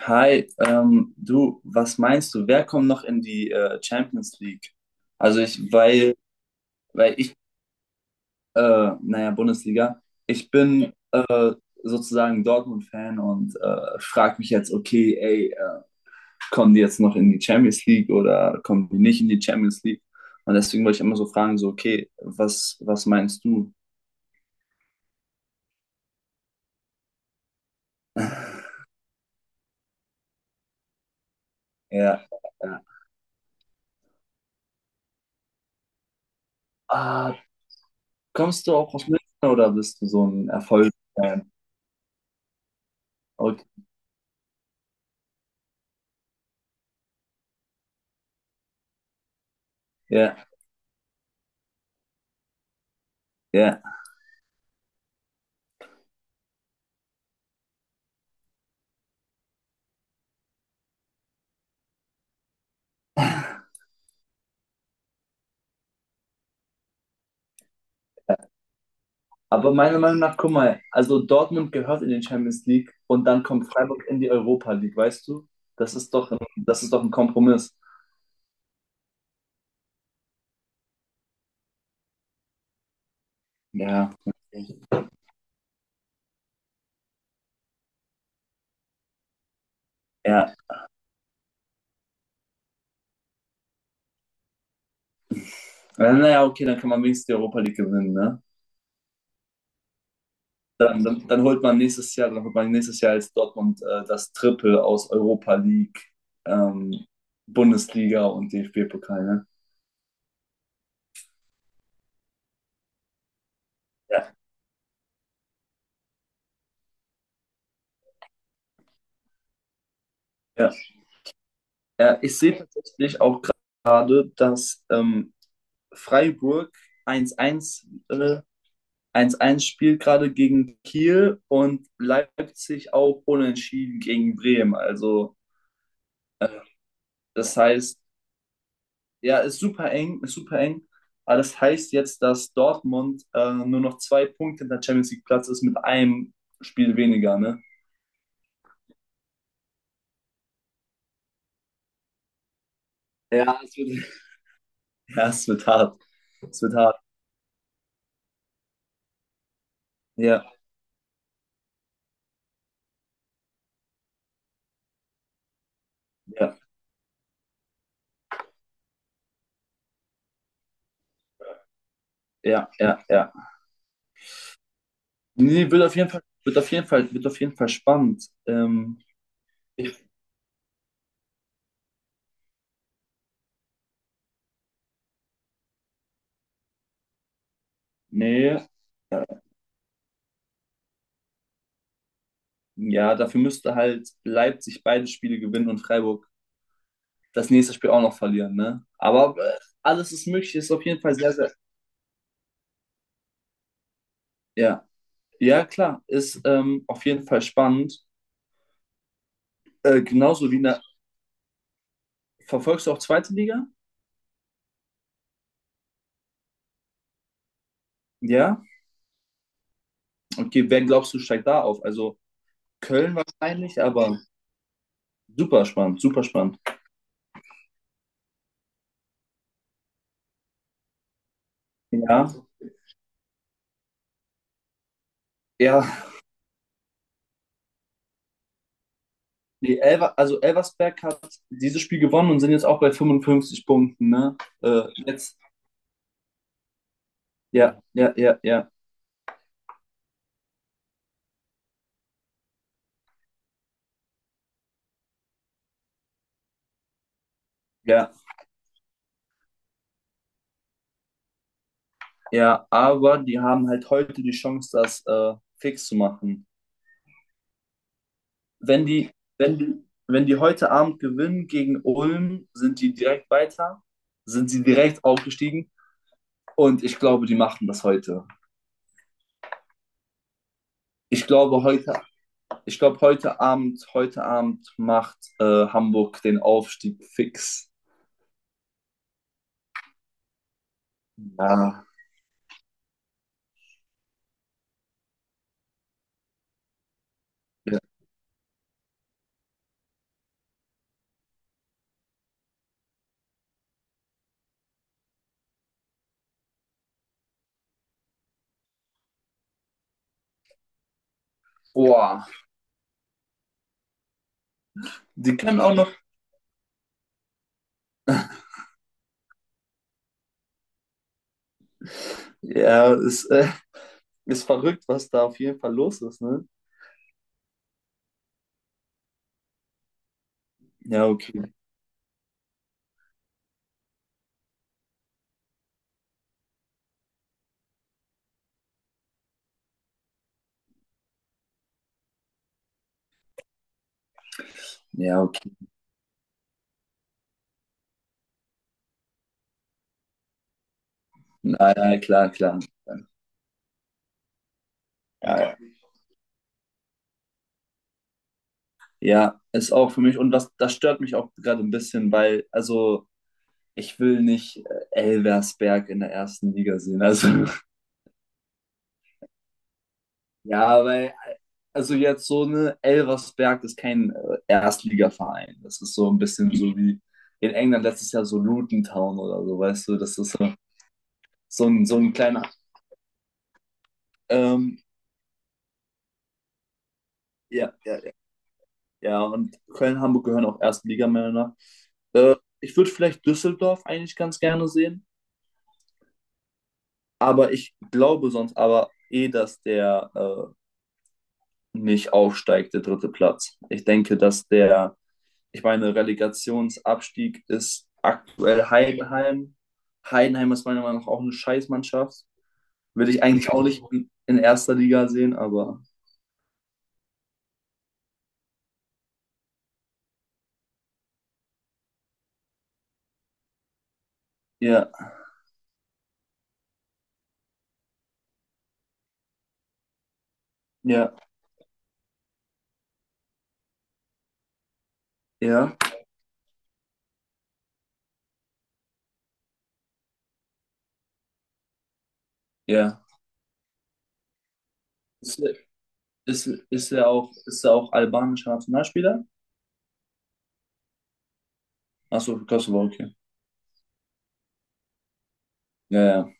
Hi, du, was meinst du? Wer kommt noch in die Champions League? Also ich, weil ich, äh, naja, Bundesliga, ich bin sozusagen Dortmund-Fan und frage mich jetzt, okay, ey, kommen die jetzt noch in die Champions League oder kommen die nicht in die Champions League? Und deswegen wollte ich immer so fragen, so, okay, was meinst du? Ja, ja. Ah, kommst du auch aus München oder bist du so ein Erfolgsfan? Okay, ja, ja. Aber meiner Meinung nach, guck mal, also Dortmund gehört in den Champions League und dann kommt Freiburg in die Europa League, weißt du? Das ist doch ein Kompromiss. Ja, okay. Ja. Naja, okay, dann kann man wenigstens die Europa League gewinnen, ne? Dann holt man nächstes Jahr als Dortmund das Triple aus Europa League, ähm, Bundesliga und DFB-Pokal, ne? Ja, ja. Ja, ich sehe tatsächlich auch gerade, dass Freiburg 1-1 äh, 1-1 spielt gerade gegen Kiel und Leipzig auch unentschieden gegen Bremen. Also das heißt, ja, ist super eng, ist super eng. Aber das heißt jetzt, dass Dortmund nur noch zwei Punkte hinter Champions League Platz ist mit einem Spiel weniger, ne? Ja, es wird, Ja, es wird hart. Es wird hart. Ja, ja, ja, ja, ja. Nee, wird auf jeden Fall spannend. Ich, nee, ja, dafür müsste halt Leipzig beide Spiele gewinnen und Freiburg das nächste Spiel auch noch verlieren, ne? Aber alles ist möglich, ist auf jeden Fall sehr, sehr, ja. Ja, klar, ist auf jeden Fall spannend. Genauso wie in der, verfolgst du auch zweite Liga? Ja? Okay, wer glaubst du steigt da auf? Also Köln wahrscheinlich, aber super spannend, super spannend. Ja, ja, also Elversberg hat dieses Spiel gewonnen und sind jetzt auch bei 55 Punkten, ne? Äh, jetzt, ja, ja, ja, ja, ja, ja, aber die haben halt heute die Chance, das fix zu machen. Wenn die, wenn die heute Abend gewinnen gegen Ulm, sind die direkt weiter, sind sie direkt aufgestiegen und ich glaube, die machen das heute. Ich glaube heute, ich glaube heute Abend macht Hamburg den Aufstieg fix. Ja. Ja. Boah, die können auch noch. Ja, ist, äh, ist verrückt, was da auf jeden Fall los ist, ne? Ja, okay. Ja, okay. Na, ja, klar, klar. Ja, ja. Ja, ist auch für mich. Und das stört mich auch gerade ein bisschen, weil, also, ich will nicht Elversberg in der ersten Liga sehen. Also, ja, weil, also jetzt so eine Elversberg ist kein Erstligaverein. Das ist so ein bisschen so wie in England letztes Jahr so Luton Town oder so, weißt du, das ist so, so ein kleiner. Ähm, ja, ja, ja. Ja, und Köln, Hamburg gehören auch Erstligamänner. Ich würde vielleicht Düsseldorf eigentlich ganz gerne sehen. Aber ich glaube sonst aber eh, dass der nicht aufsteigt, der dritte Platz. Ich denke, dass der, ich meine, Relegationsabstieg ist aktuell Heidenheim. Heidenheim ist meiner Meinung nach auch eine Scheißmannschaft. Würde ich eigentlich auch nicht in erster Liga sehen, aber ja, ja, ja, ja. Ist, ist er auch albanischer Nationalspieler? Achso, Kosovo, okay. Ja, ja.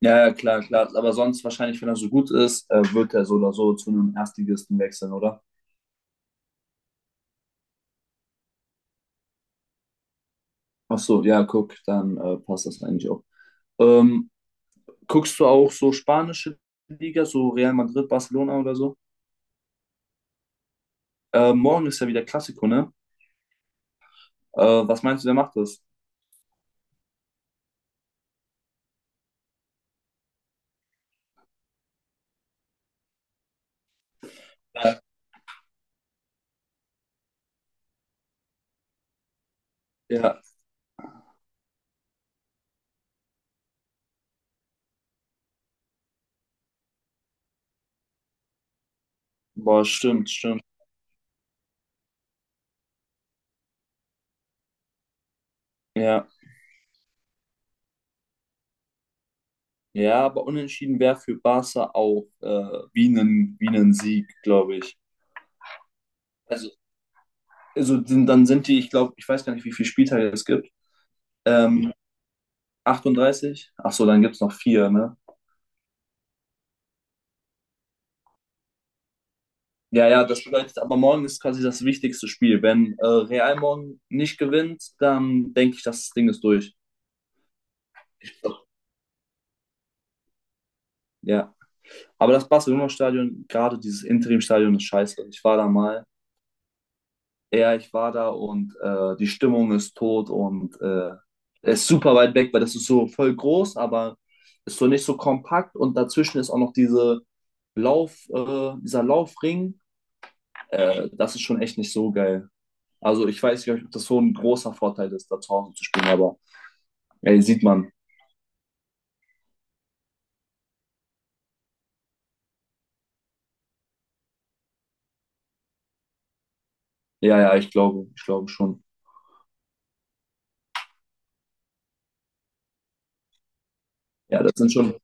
Ja, ja, klar, klar. Aber sonst wahrscheinlich, wenn er so gut ist, wird er so oder so zu einem Erstligisten wechseln, oder? Ach so, ja, guck, dann passt das eigentlich auch. Ähm, guckst du auch so spanische Liga, so Real Madrid, Barcelona oder so? Morgen ist ja wieder Klassiko, ne? Äh, was meinst du, wer macht das? Ja, ja. Boah, stimmt, stimmt. Ja, ja, aber unentschieden wäre für Barca auch wie ein Sieg, glaube ich. Also, dann sind die, ich glaube, ich weiß gar nicht, wie viele Spieltage es gibt. Ähm, 38? Ach so, dann gibt's noch vier, ne? Ja, ja, das bedeutet aber morgen ist quasi das wichtigste Spiel. Wenn Real morgen nicht gewinnt, dann denke ich, das Ding ist durch. Ja. Aber das Barcelona-Stadion, gerade dieses Interim-Stadion ist scheiße. Ich war da mal. Ja, ich war da und die Stimmung ist tot und ist super weit weg, weil das ist so voll groß, aber ist so nicht so kompakt und dazwischen ist auch noch diese dieser Laufring. Das ist schon echt nicht so geil. Also ich weiß nicht, ob das so ein großer Vorteil ist, da zu Hause zu spielen, aber ey, sieht man. Ja, ja, ich glaube schon. Ja, das sind schon.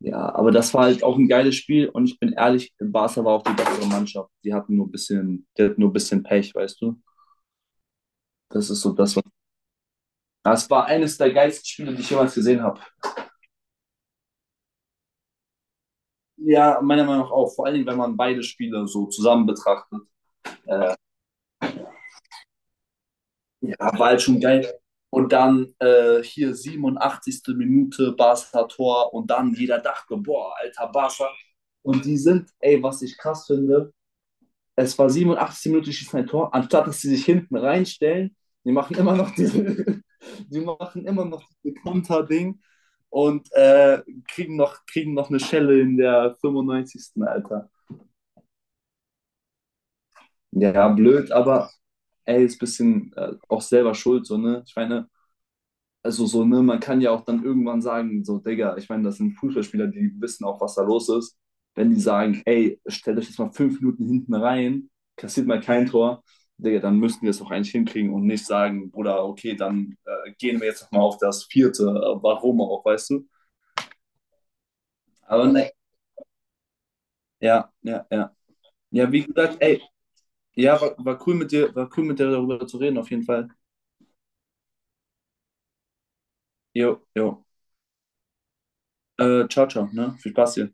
Ja, aber das war halt auch ein geiles Spiel und ich bin ehrlich, Barca war auch die bessere Mannschaft. Die hatten nur ein bisschen, die hatten nur ein bisschen Pech, weißt du? Das ist so das, was. Das war eines der geilsten Spiele, die ich jemals gesehen habe. Ja, meiner Meinung nach auch. Vor allen Dingen, wenn man beide Spiele so zusammen betrachtet. Ja, war halt schon geil. Und dann hier 87. Minute Barca Tor und dann jeder dachte, boah, alter Barca. Und die sind, ey, was ich krass finde, es war 87. Minute, die schießen ein Tor, anstatt dass sie sich hinten reinstellen, die machen immer noch diese, die machen immer noch dieses Konterding und kriegen noch eine Schelle in der 95. Alter. Ja, blöd, aber ey, ist ein bisschen auch selber schuld, so, ne? Ich meine, also so, ne, man kann ja auch dann irgendwann sagen, so, Digga, ich meine, das sind Fußballspieler, die wissen auch, was da los ist. Wenn die sagen, ey, stellt euch jetzt mal 5 Minuten hinten rein, kassiert mal kein Tor, Digga, dann müssten wir es auch eigentlich hinkriegen und nicht sagen, Bruder, okay, dann gehen wir jetzt nochmal auf das vierte, warum auch, weißt du? Aber ne, ja, ja, ja. Ja, wie gesagt, ey, ja, war cool mit dir darüber zu reden, auf jeden Fall. Jo, jo. Ciao, ciao, ne? Viel Spaß dir.